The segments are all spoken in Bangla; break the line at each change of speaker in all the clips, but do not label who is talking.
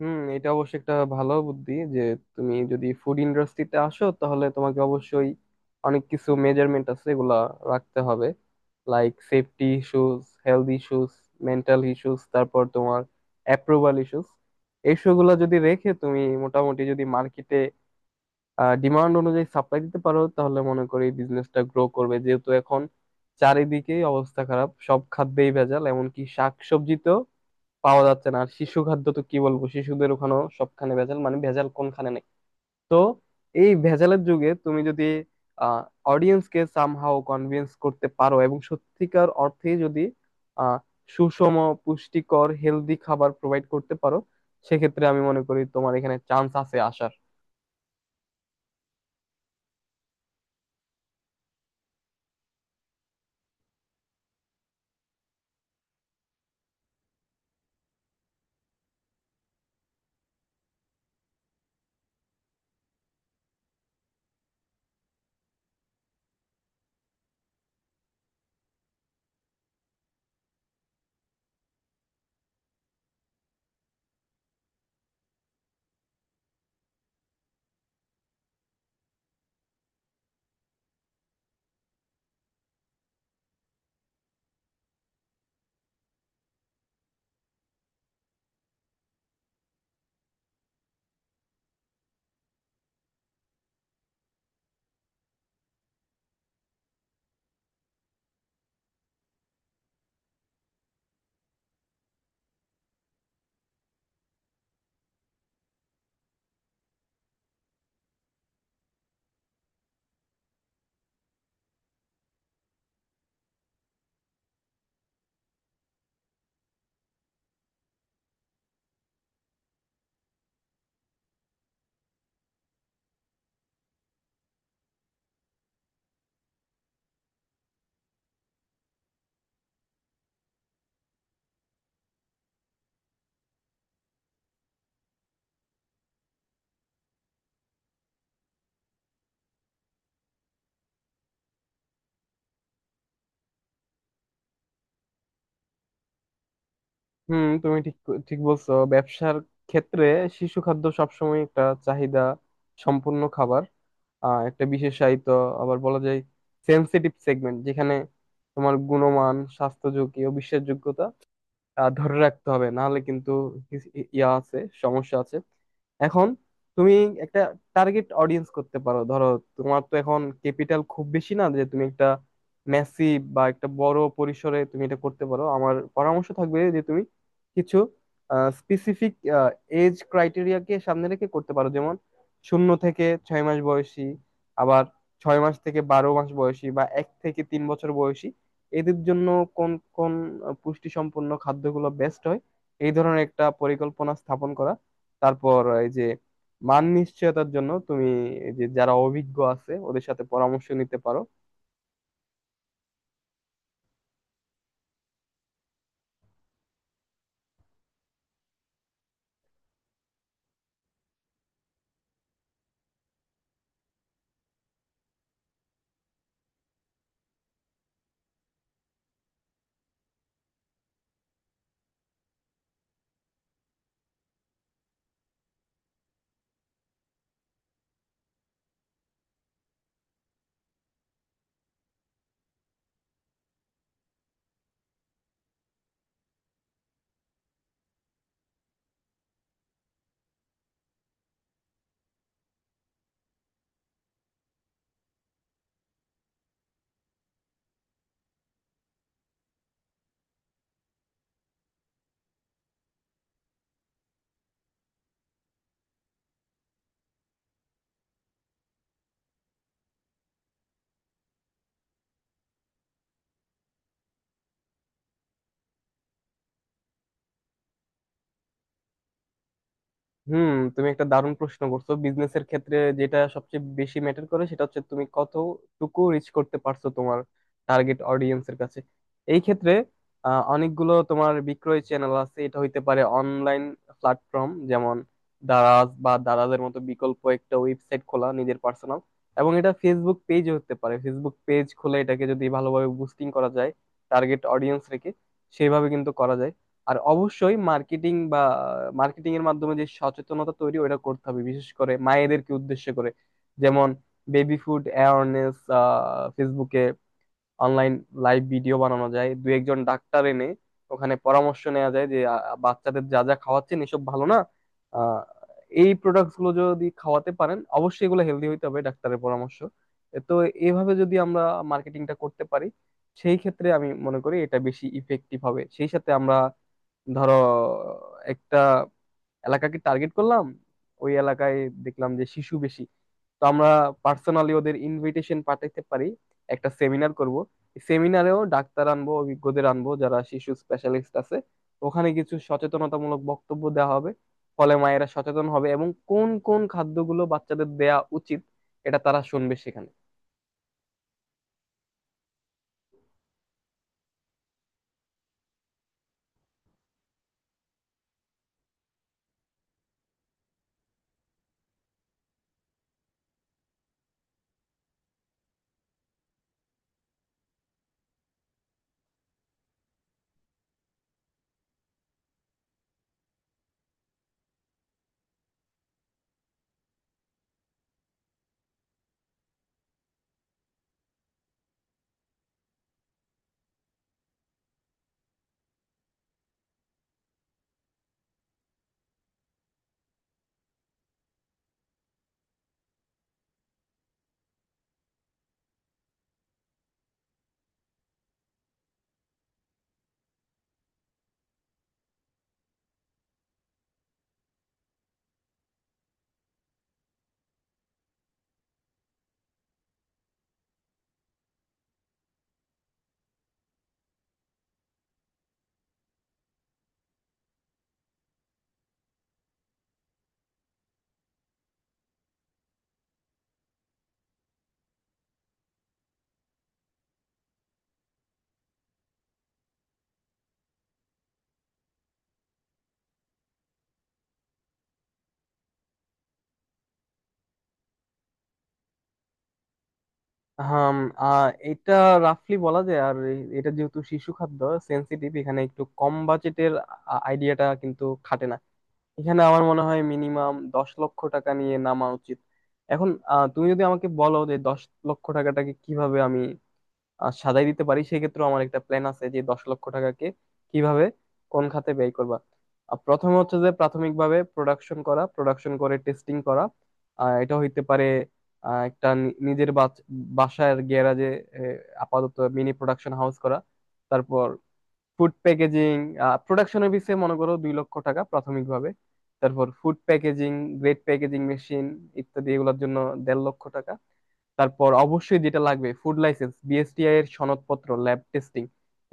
এটা অবশ্যই একটা ভালো বুদ্ধি যে তুমি যদি ফুড ইন্ডাস্ট্রিতে আসো, তাহলে তোমাকে অবশ্যই অনেক কিছু মেজারমেন্ট আছে এগুলা রাখতে হবে। Like safety issues, health issues, mental issues, তারপর তোমার অ্যাপ্রুভাল ইস্যুস। এইসবগুলা যদি রেখে তুমি মোটামুটি যদি মার্কেটে ডিমান্ড অনুযায়ী সাপ্লাই দিতে পারো, তাহলে মনে করি বিজনেসটা গ্রো করবে। যেহেতু এখন চারিদিকেই অবস্থা খারাপ, সব খাদ্যেই ভেজাল, এমনকি শাক সবজিতেও পাওয়া যাচ্ছে না। আর শিশু খাদ্য তো কি বলবো, শিশুদের ওখানেও সবখানে ভেজাল, মানে ভেজাল কোনখানে নেই। তো এই ভেজালের যুগে তুমি যদি আহ অডিয়েন্সকে সামহাও কনভিন্স করতে পারো এবং সত্যিকার অর্থে যদি আহ সুষম পুষ্টিকর হেলদি খাবার প্রোভাইড করতে পারো, সেক্ষেত্রে আমি মনে করি তোমার এখানে চান্স আছে আসার। তুমি ঠিক ঠিক বলছো। ব্যবসার ক্ষেত্রে শিশু খাদ্য সবসময় একটা চাহিদা সম্পূর্ণ খাবার, একটা বিশেষায়িত, আবার বলা যায় সেনসিটিভ সেগমেন্ট, যেখানে তোমার গুণমান, স্বাস্থ্য ঝুঁকি ও বিশ্বাসযোগ্যতা ধরে রাখতে হবে। নাহলে কিন্তু কিস- ইয়া আছে, সমস্যা আছে। এখন তুমি একটা টার্গেট অডিয়েন্স করতে পারো। ধরো, তোমার তো এখন ক্যাপিটাল খুব বেশি না যে তুমি একটা মেসি বা একটা বড় পরিসরে তুমি এটা করতে পারো। আমার পরামর্শ থাকবে যে তুমি কিছু স্পেসিফিক এজ ক্রাইটেরিয়াকে সামনে রেখে করতে পারো। যেমন 0 থেকে 6 মাস বয়সী, আবার 6 মাস থেকে 12 মাস বয়সী, বা 1 থেকে 3 বছর বয়সী। এদের জন্য কোন কোন পুষ্টি সম্পন্ন খাদ্যগুলো বেস্ট হয়, এই ধরনের একটা পরিকল্পনা স্থাপন করা। তারপর এই যে মান নিশ্চয়তার জন্য তুমি এই যে যারা অভিজ্ঞ আছে ওদের সাথে পরামর্শ নিতে পারো। হুম তুমি একটা দারুণ প্রশ্ন করছো। বিজনেসের ক্ষেত্রে যেটা সবচেয়ে বেশি ম্যাটার করে, সেটা হচ্ছে তুমি কতটুকু রিচ করতে পারছো তোমার টার্গেট অডিয়েন্সের কাছে। এই ক্ষেত্রে অনেকগুলো তোমার বিক্রয় চ্যানেল আছে। এটা হইতে পারে অনলাইন প্ল্যাটফর্ম, যেমন দারাজ বা দারাজের মতো বিকল্প একটা ওয়েবসাইট খোলা নিজের পার্সোনাল, এবং এটা ফেসবুক পেজ হতে পারে। ফেসবুক পেজ খুলে এটাকে যদি ভালোভাবে বুস্টিং করা যায় টার্গেট অডিয়েন্স রেখে, সেভাবে কিন্তু করা যায়। আর অবশ্যই মার্কেটিং বা মার্কেটিং এর মাধ্যমে যে সচেতনতা তৈরি ওটা করতে হবে, বিশেষ করে মায়েদেরকে উদ্দেশ্য করে। যেমন বেবি ফুড অ্যাওয়ারনেস ফেসবুকে, অনলাইন লাইভ ভিডিও বানানো যায় দু একজন ডাক্তার এনে। ওখানে পরামর্শ নেওয়া যায় যে বাচ্চাদের যা যা খাওয়াচ্ছেন এসব ভালো না, আহ, এই প্রোডাক্টস গুলো যদি খাওয়াতে পারেন, অবশ্যই এগুলো হেলদি হইতে হবে, ডাক্তারের পরামর্শ। তো এইভাবে যদি আমরা মার্কেটিংটা করতে পারি, সেই ক্ষেত্রে আমি মনে করি এটা বেশি ইফেক্টিভ হবে। সেই সাথে আমরা ধরো একটা এলাকাকে টার্গেট করলাম, ওই এলাকায় দেখলাম যে শিশু বেশি, তো আমরা পার্সোনালি ওদের ইনভিটেশন পাঠাইতে পারি। একটা সেমিনার করব, সেমিনারেও ডাক্তার আনবো, অভিজ্ঞদের আনবো যারা শিশু স্পেশালিস্ট আছে। ওখানে কিছু সচেতনতামূলক বক্তব্য দেওয়া হবে, ফলে মায়েরা সচেতন হবে এবং কোন কোন খাদ্যগুলো বাচ্চাদের দেয়া উচিত এটা তারা শুনবে সেখানে। হাম এটা রাফলি বলা যায়। আর এটা যেহেতু শিশু খাদ্য সেনসিটিভ, এখানে একটু কম বাজেটের আইডিয়াটা কিন্তু খাটে না। এখানে আমার মনে হয় মিনিমাম 10 লক্ষ টাকা নিয়ে নামা উচিত। এখন তুমি যদি আমাকে বলো যে 10 লক্ষ টাকাটাকে কিভাবে আমি সাজাই দিতে পারি, সেক্ষেত্রে আমার একটা প্ল্যান আছে যে 10 লক্ষ টাকাকে কিভাবে কোন খাতে ব্যয় করবা। প্রথমে হচ্ছে যে প্রাথমিকভাবে প্রোডাকশন করা, প্রোডাকশন করে টেস্টিং করা। এটা হইতে পারে একটা নিজের বাসার গ্যারাজে আপাতত মিনি প্রোডাকশন হাউস করা। তারপর ফুড প্যাকেজিং, প্রোডাকশনের পিছে মনে করো 2 লক্ষ টাকা প্রাথমিকভাবে। তারপর food packaging, grade packaging machine ইত্যাদি, এগুলোর জন্য 1.5 লক্ষ টাকা। তারপর অবশ্যই যেটা লাগবে ফুড লাইসেন্স, বিএসটিআই এর সনদপত্র, ল্যাব টেস্টিং,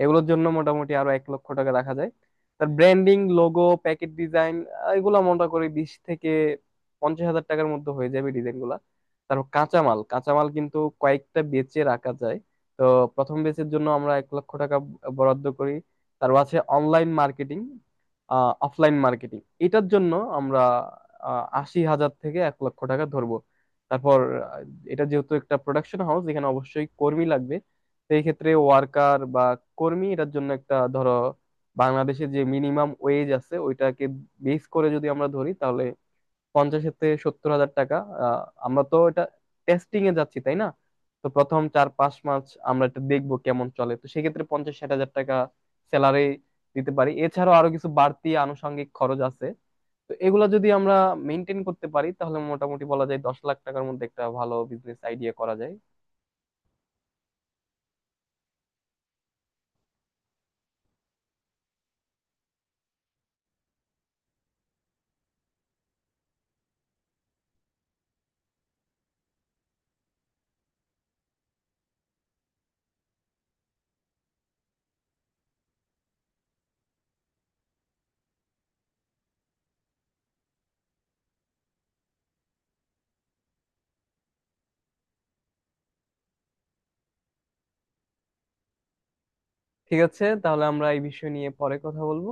এগুলোর জন্য মোটামুটি আরো 1 লক্ষ টাকা রাখা যায়। তার ব্র্যান্ডিং, লোগো, প্যাকেট ডিজাইন, এগুলো মোটা করে 20 থেকে 50 হাজার টাকার মধ্যে হয়ে যাবে ডিজাইন গুলা। তারপর কাঁচামাল, কাঁচামাল কিন্তু কয়েকটা বেচে রাখা যায়। তো প্রথম বেচের জন্য আমরা 1 লক্ষ টাকা বরাদ্দ করি। তারপর আছে অনলাইন মার্কেটিং, অফলাইন মার্কেটিং, এটার জন্য আমরা 80 হাজার থেকে 1 লক্ষ টাকা ধরবো। তারপর এটা যেহেতু একটা প্রোডাকশন হাউস, এখানে অবশ্যই কর্মী লাগবে। সেই ক্ষেত্রে ওয়ার্কার বা কর্মী, এটার জন্য একটা ধরো বাংলাদেশে যে মিনিমাম ওয়েজ আছে ওইটাকে বেস করে যদি আমরা ধরি, তাহলে পঞ্চাশেতে সত্তর হাজার টাকা। আহ, আমরা তো এটা টেস্টিং এ যাচ্ছি, তাই না? তো প্রথম 4-5 মাস আমরা এটা দেখবো কেমন চলে, তো সেক্ষেত্রে 50-60 হাজার টাকা স্যালারি দিতে পারি। এছাড়াও আরো কিছু বাড়তি আনুষঙ্গিক খরচ আছে। তো এগুলা যদি আমরা মেনটেন করতে পারি, তাহলে মোটামুটি বলা যায় 10 লাখ টাকার মধ্যে একটা ভালো বিজনেস আইডিয়া করা যায়। ঠিক আছে, তাহলে আমরা এই বিষয় নিয়ে পরে কথা বলবো।